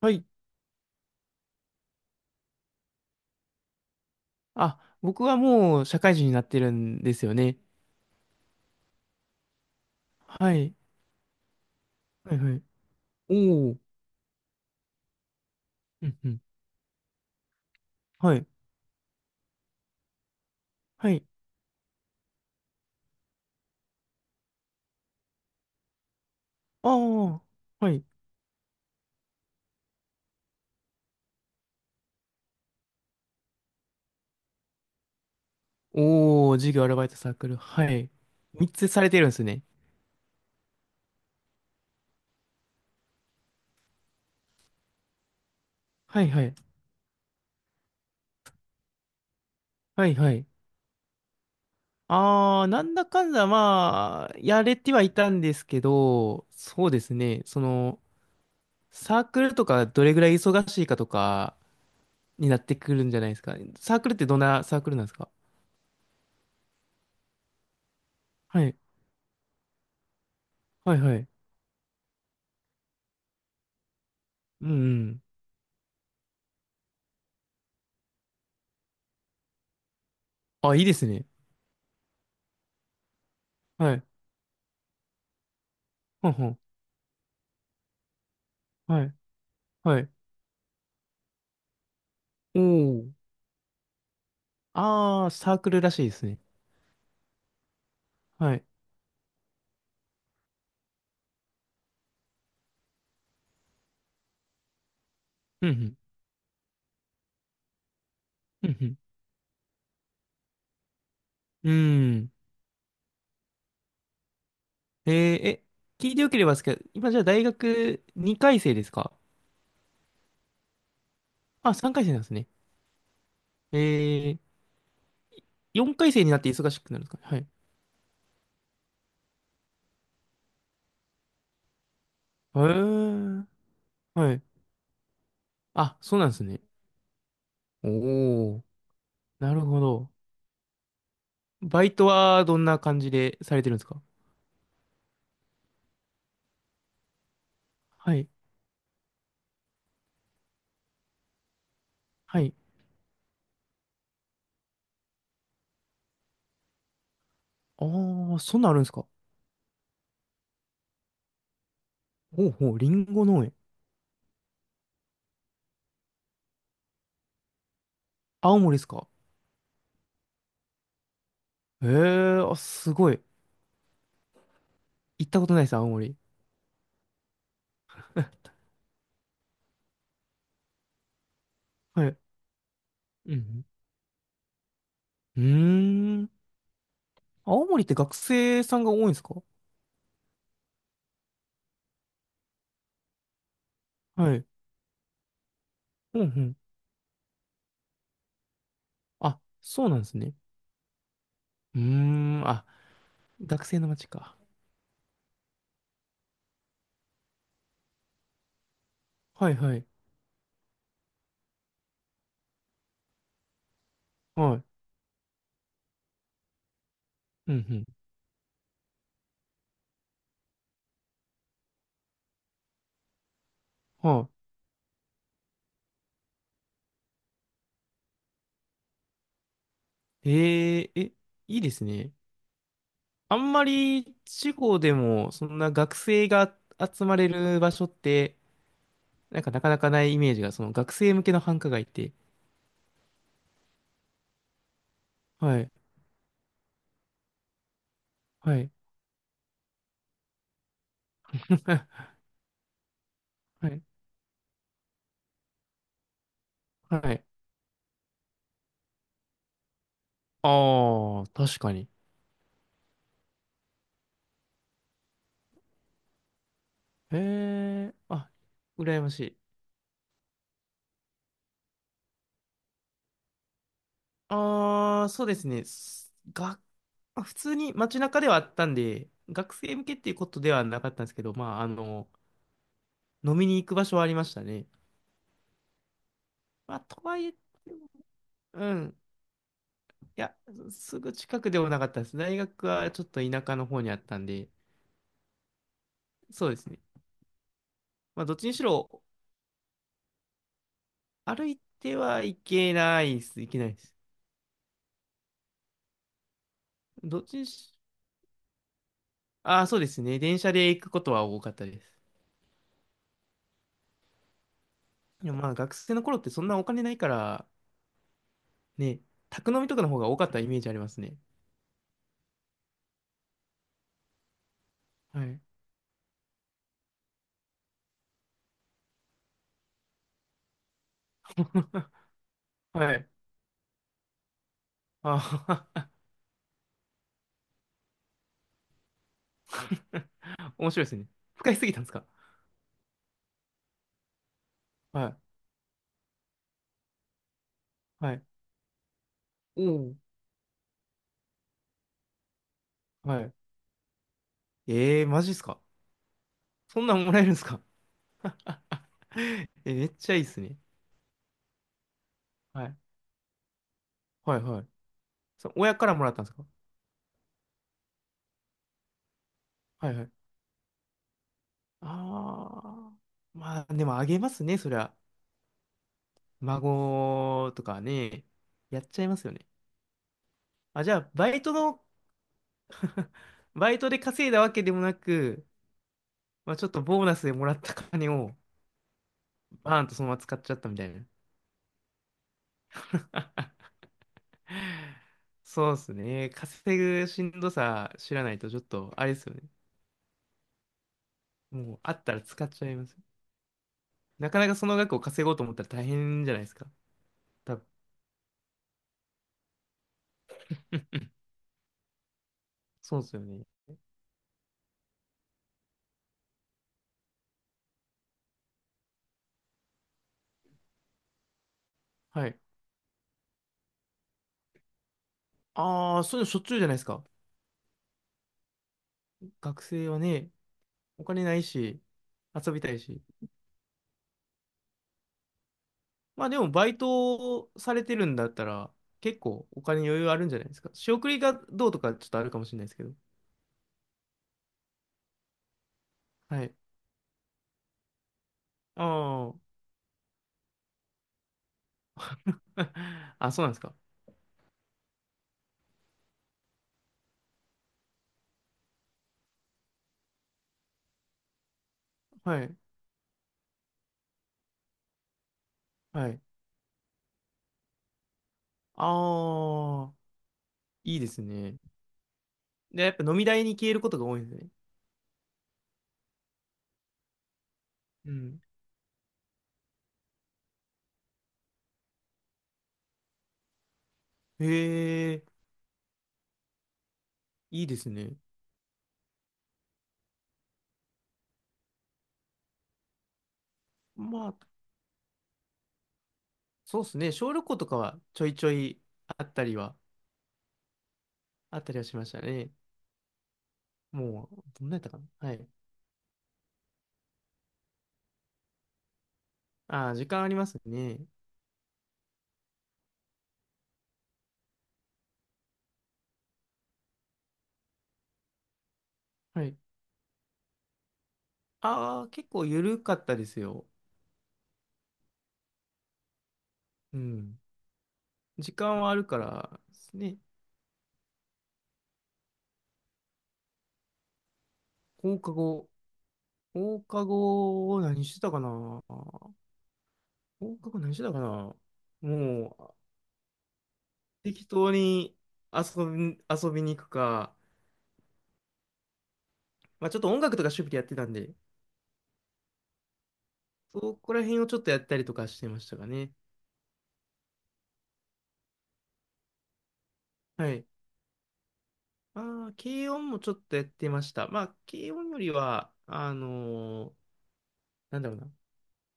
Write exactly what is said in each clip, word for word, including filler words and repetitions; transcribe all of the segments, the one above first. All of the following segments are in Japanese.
はい。あ、僕はもう社会人になってるんですよね。はい。はいはい。おー。うんうん。はい。はい。ああ。はい。おー、授業、アルバイト、サークル。はい。三つされてるんですね。はいはい。はいはい。ああ、なんだかんだ、まあ、やれてはいたんですけど、そうですね。その、サークルとかどれぐらい忙しいかとかになってくるんじゃないですか。サークルってどんなサークルなんですか？はい。はいはい。うんうん。あ、いいですね。はい。ほんほん。はい。はい。おー。あー、サークルらしいですね。はい。うんうん。うんうん。うーん。えー、え、聞いてよければですけど、今じゃあ大学にかい生ですか？あ、さんかい生なんですね。えー、よんかい生になって忙しくなるんですかね？はい。へー。はい。あ、そうなんですね。おー。なるほど。バイトはどんな感じでされてるんですか？はい。はい。あー、そんなんあるんですか？ほうほう、リンゴ農園。青森ですか？ええー、あ、すごい。行ったことないです、青森。はい。うん。うーん。青森って学生さんが多いんですか？はい。うんうん。あ、そうなんですね。うーん。あ、学生の街か。はいはい。はい。うんうん。はい。えー、え、いいですね。あんまり地方でも、そんな学生が集まれる場所って、なんかなかなかないイメージが、その学生向けの繁華街って。はい。はい。はい。はい。ああ、確かに。へえ、あ、羨ましい。ああ、そうですね。すが、まあ普通に街中ではあったんで、学生向けっていうことではなかったんですけど、まあ、あの、飲みに行く場所はありましたね。まあ、とはいえ、うん。いや、すぐ近くでもなかったです。大学はちょっと田舎の方にあったんで、そうですね。まあ、どっちにしろ、歩いてはいけないです。いけないです。どっちにし、ああ、そうですね。電車で行くことは多かったです。いやまあ学生の頃ってそんなお金ないから、ね、宅飲みとかの方が多かったイメージありますね。はい。はい。ああ。 面白いですね。深いすぎたんですか？はい。はい。おお。はい。ええー、マジっすか？そんなんもらえるんですか？ え、めっちゃいいっすね。はい。はいはい。そう、親からもらったんですか？はいはい。ああ。まあ、でもあげますね、そりゃ。孫とかね。やっちゃいますよね。あ、じゃあ、バイトのバイトで稼いだわけでもなく、まあ、ちょっとボーナスでもらった金をバーンとそのまま使っちゃったみたいな。そうですね。稼ぐしんどさ知らないとちょっとあれですよね。もうあったら使っちゃいます。なかなかその額を稼ごうと思ったら大変じゃないですか。多分そうですよね。はい。ああ、そういうのしょっちゅうじゃないですか。学生はね、お金ないし、遊びたいし。まあでもバイトされてるんだったら結構お金余裕あるんじゃないですか。仕送りがどうとかちょっとあるかもしれないですけど。はい。ああ。あ、そうなんですか？はい。はい。ああ。いいですね。で、やっぱ飲み代に消えることが多いんですね。うん。へえ、いいですね。まあ、そうですね。小旅行とかはちょいちょいあったりは、あったりはしましたね。もう、どんなやったかな。はい。ああ、時間ありますね。はい。ああ、結構緩かったですよ。うん。時間はあるからですね。放課後。放課後を何してたかな放課後何してたかな。もう、適当に遊び、遊びに行くか、まあちょっと音楽とか趣味でやってたんで、そこら辺をちょっとやったりとかしてましたかね。はい。ああ、軽音もちょっとやってました。まあ、軽音よりは、あのーなんだろうな。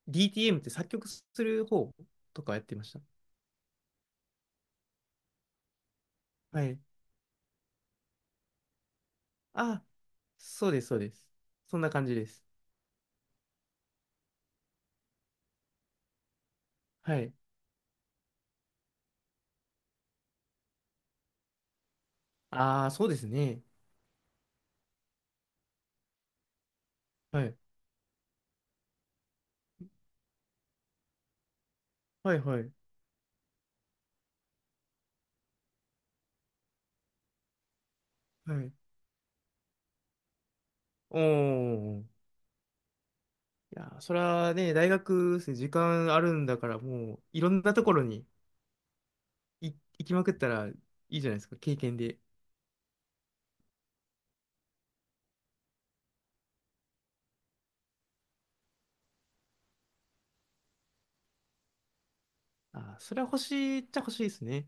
ディーティーエム って作曲する方とかやってました。はい。あ、そうです、そうです。そんな感じです。はい。ああ、そうですね。はい。はい、はい、はい。おー。いやー、それはね、大学生時間あるんだから、もう、いろんなところにい行きまくったらいいじゃないですか、経験で。あー、それは欲しいっちゃ欲しいですね。